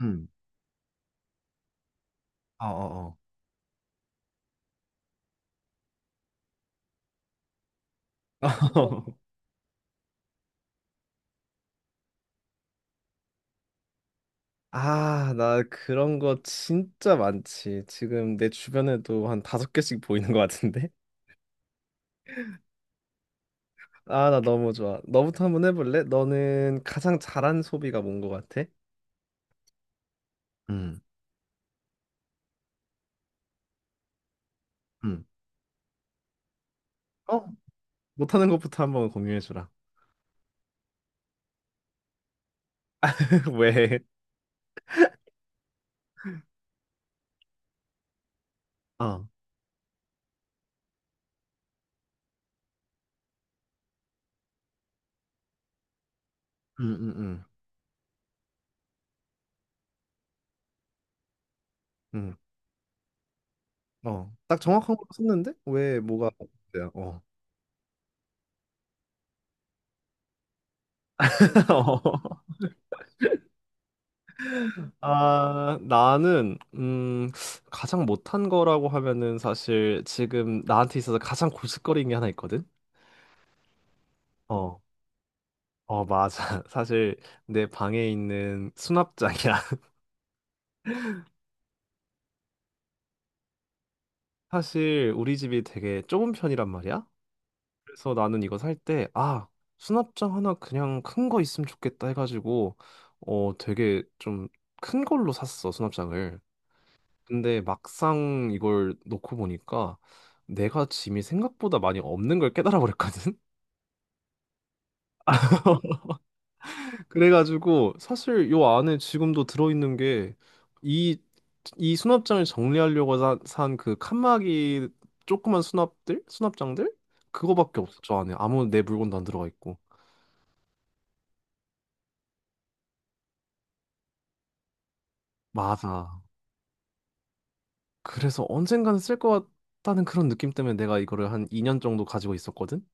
음. 어, 어, 어. 아, 나 그런 거 진짜 많지. 지금 내 주변에도 한 다섯 개씩 보이는 것 같은데? 아, 나 너무 좋아. 너부터 한번 해볼래? 너는 가장 잘한 소비가 뭔 것 같아? 음. 음. 어? 못하는 것부터 한번 공유해주라. 왜? 어. 음, 음, 음. 음. 어. 딱 정확한 거 썼는데? 왜 뭐가 문제야? 어. 어. 아, 나는 가장 못한 거라고 하면은 사실 지금 나한테 있어서 가장 고슬거리는 게 하나 있거든. 어, 어, 맞아. 사실 내 방에 있는 수납장이야. 사실 우리 집이 되게 좁은 편이란 말이야. 그래서 나는 이거 살 때, 아, 수납장 하나 그냥 큰 거 있으면 좋겠다 해가지고, 어, 되게 좀 큰 걸로 샀어, 수납장을. 근데 막상 이걸 놓고 보니까 내가 짐이 생각보다 많이 없는 걸 깨달아 버렸거든. 그래가지고 사실 요 안에 지금도 들어있는 게 이 이 수납장을 정리하려고 산 그 칸막이 조그만 수납들 수납장들 그거밖에 없어. 저 안에 아무 내 물건도 안 들어가 있고. 맞아. 그래서 언젠가는 쓸 것 같다는 그런 느낌 때문에 내가 이거를 한 2년 정도 가지고 있었거든.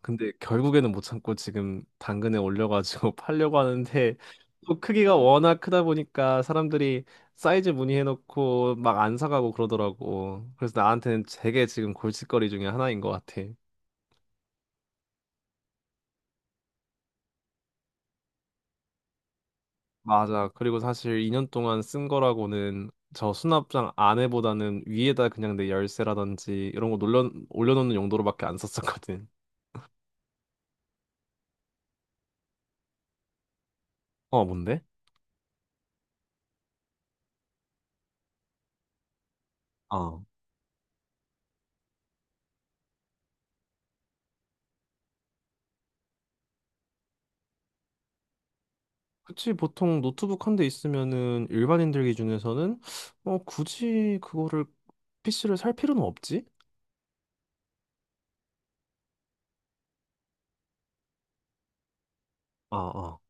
근데 결국에는 못 참고 지금 당근에 올려가지고 팔려고 하는데 또 크기가 워낙 크다 보니까 사람들이 사이즈 문의해놓고 막 안 사가고 그러더라고. 그래서 나한테는 되게 지금 골칫거리 중에 하나인 것 같아. 맞아. 그리고 사실 2년 동안 쓴 거라고는 저 수납장 안에보다는 위에다 그냥 내 열쇠라든지 이런 거 올려놓는 용도로밖에 안 썼었거든. 어, 뭔데? 어. 그치, 보통 노트북 한 대 있으면은 일반인들 기준에서는 굳이 그거를 PC를 살 필요는 없지? 어, 어.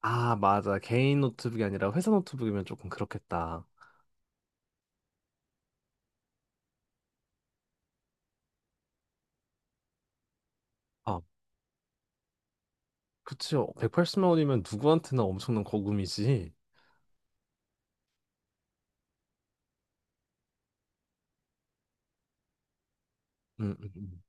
아, 맞아. 개인 노트북이 아니라 회사 노트북이면 조금 그렇겠다. 아, 그치, 180만 원이면 누구한테나 엄청난 거금이지. 음, 음, 음.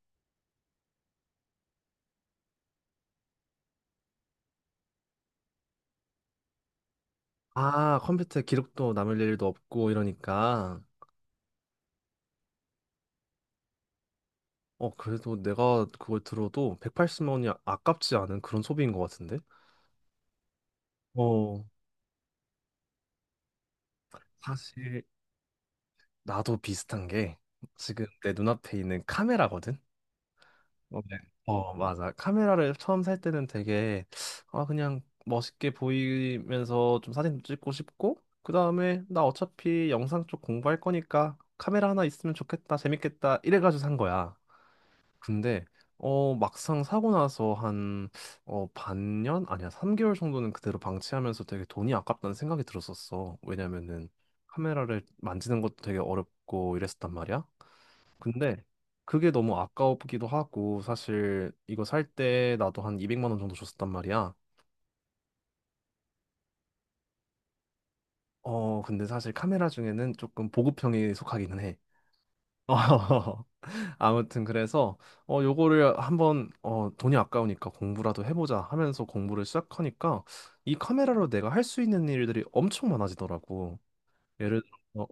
아, 컴퓨터에 기록도 남을 일도 없고 이러니까. 어, 그래도 내가 그걸 들어도 180만 원이 아깝지 않은 그런 소비인 것 같은데? 어, 사실 나도 비슷한 게 지금 내 눈앞에 있는 카메라거든. 어, 네. 어, 맞아. 카메라를 처음 살 때는 되게 아 그냥 멋있게 보이면서 좀 사진도 찍고 싶고 그다음에 나 어차피 영상 쪽 공부할 거니까 카메라 하나 있으면 좋겠다. 재밌겠다. 이래 가지고 산 거야. 근데 막상 사고 나서 한어 반년 아니야 3개월 정도는 그대로 방치하면서 되게 돈이 아깝다는 생각이 들었었어. 왜냐면은 카메라를 만지는 것도 되게 어렵고 이랬었단 말이야. 근데 그게 너무 아까우기도 하고 사실 이거 살 때 나도 한 200만 원 정도 줬었단 말이야. 어, 근데 사실 카메라 중에는 조금 보급형에 속하기는 해. 아무튼 그래서 요거를 한번 돈이 아까우니까 공부라도 해보자 하면서 공부를 시작하니까 이 카메라로 내가 할 수 있는 일들이 엄청 많아지더라고. 예를 들어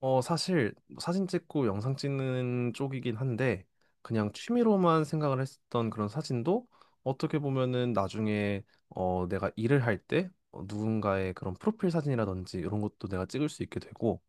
사실 사진 찍고 영상 찍는 쪽이긴 한데 그냥 취미로만 생각을 했었던 그런 사진도 어떻게 보면은 나중에 내가 일을 할때 누군가의 그런 프로필 사진이라든지 이런 것도 내가 찍을 수 있게 되고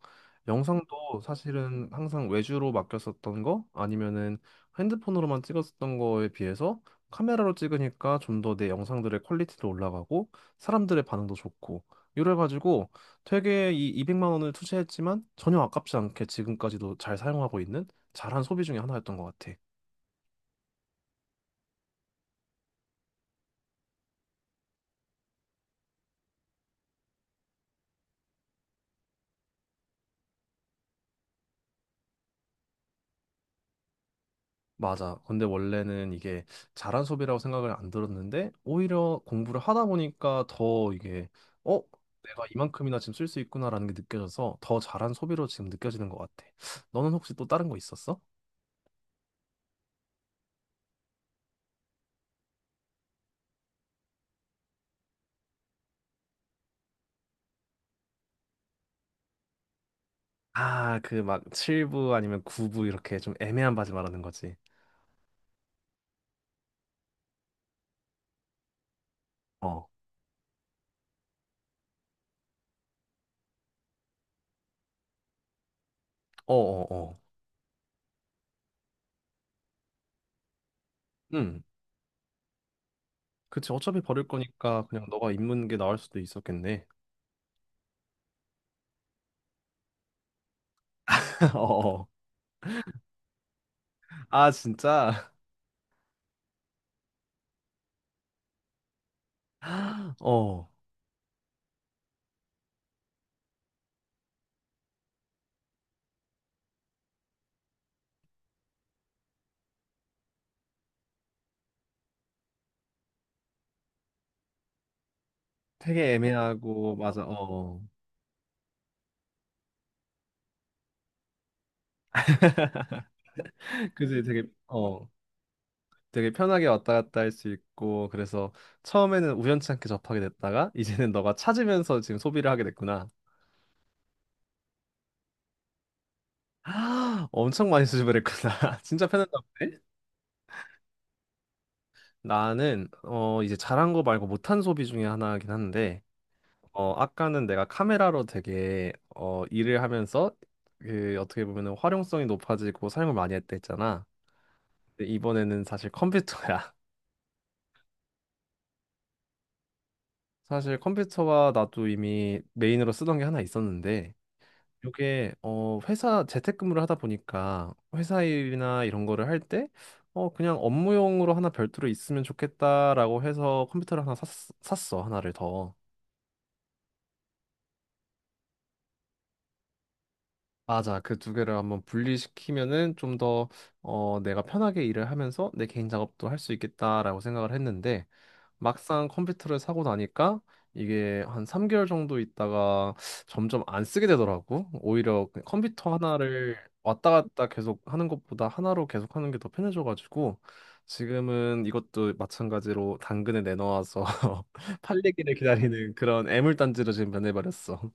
영상도 사실은 항상 외주로 맡겼었던 거 아니면은 핸드폰으로만 찍었었던 거에 비해서 카메라로 찍으니까 좀 더 내 영상들의 퀄리티도 올라가고 사람들의 반응도 좋고 이래가지고 되게 이 200만 원을 투자했지만 전혀 아깝지 않게 지금까지도 잘 사용하고 있는 잘한 소비 중에 하나였던 것 같아. 맞아. 근데 원래는 이게 잘한 소비라고 생각을 안 들었는데 오히려 공부를 하다 보니까 더 이게 어? 내가 이만큼이나 지금 쓸 수 있구나라는 게 느껴져서 더 잘한 소비로 지금 느껴지는 것 같아. 너는 혹시 또 다른 거 있었어? 아, 그 막 7부 아니면 9부 이렇게 좀 애매한 바지 말하는 거지. 어. 어어어. 그치, 어차피 버릴 거니까 그냥 너가 입는 게 나을 수도 있었겠네. 어, 아, 진짜? 어, 되게 애매하고, 맞아, 어. 그치, 되게 편하게 왔다 갔다 할 수 있고, 그래서 처음에는 우연치 않게 접하게 됐다가, 이제는 너가 찾으면서 지금 소비를 하게 됐구나. 엄청 많이 수집을 했구나. 진짜 편했나 보네. 나는, 이제 잘한 거 말고 못한 소비 중에 하나긴 한데, 아까는 내가 카메라로 되게 일을 하면서 그 어떻게 보면은 활용성이 높아지고 사용을 많이 했다 했잖아. 근데 이번에는 사실 컴퓨터야. 사실 컴퓨터와 나도 이미 메인으로 쓰던 게 하나 있었는데 이게 회사 재택근무를 하다 보니까 회사 일이나 이런 거를 할 때 그냥 업무용으로 하나 별도로 있으면 좋겠다라고 해서 컴퓨터를 하나 샀어. 하나를 더. 맞아. 그 두 개를 한번 분리시키면은 좀 더, 내가 편하게 일을 하면서 내 개인 작업도 할 수 있겠다라고 생각을 했는데, 막상 컴퓨터를 사고 나니까 이게 한 3개월 정도 있다가 점점 안 쓰게 되더라고. 오히려 그 컴퓨터 하나를 왔다 갔다 계속 하는 것보다 하나로 계속 하는 게 더 편해져가지고, 지금은 이것도 마찬가지로 당근에 내놓아서 팔리기를 기다리는 그런 애물단지로 지금 변해버렸어.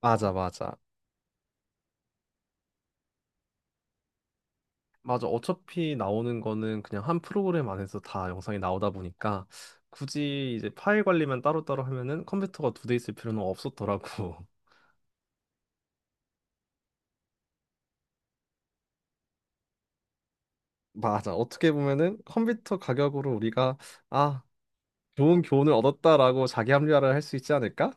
맞아, 맞아. 맞아. 어차피 나오는 거는 그냥 한 프로그램 안에서 다 영상이 나오다 보니까 굳이 이제 파일 관리만 따로따로 하면은 컴퓨터가 두 대 있을 필요는 없었더라고. 맞아. 어떻게 보면은 컴퓨터 가격으로 우리가 아, 좋은 교훈을 얻었다라고 자기 합리화를 할 수 있지 않을까?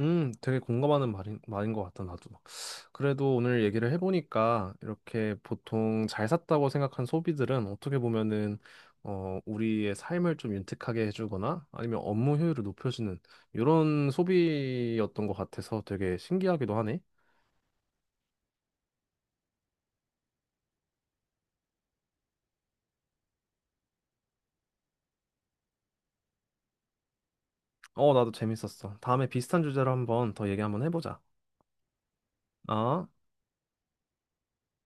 되게 공감하는 말인 것 같다, 나도. 그래도 오늘 얘기를 해보니까 이렇게 보통 잘 샀다고 생각한 소비들은 어떻게 보면은, 우리의 삶을 좀 윤택하게 해주거나 아니면 업무 효율을 높여주는 이런 소비였던 것 같아서 되게 신기하기도 하네. 어, 나도 재밌었어. 다음에 비슷한 주제로 한번 더 얘기 한번 해보자. 아.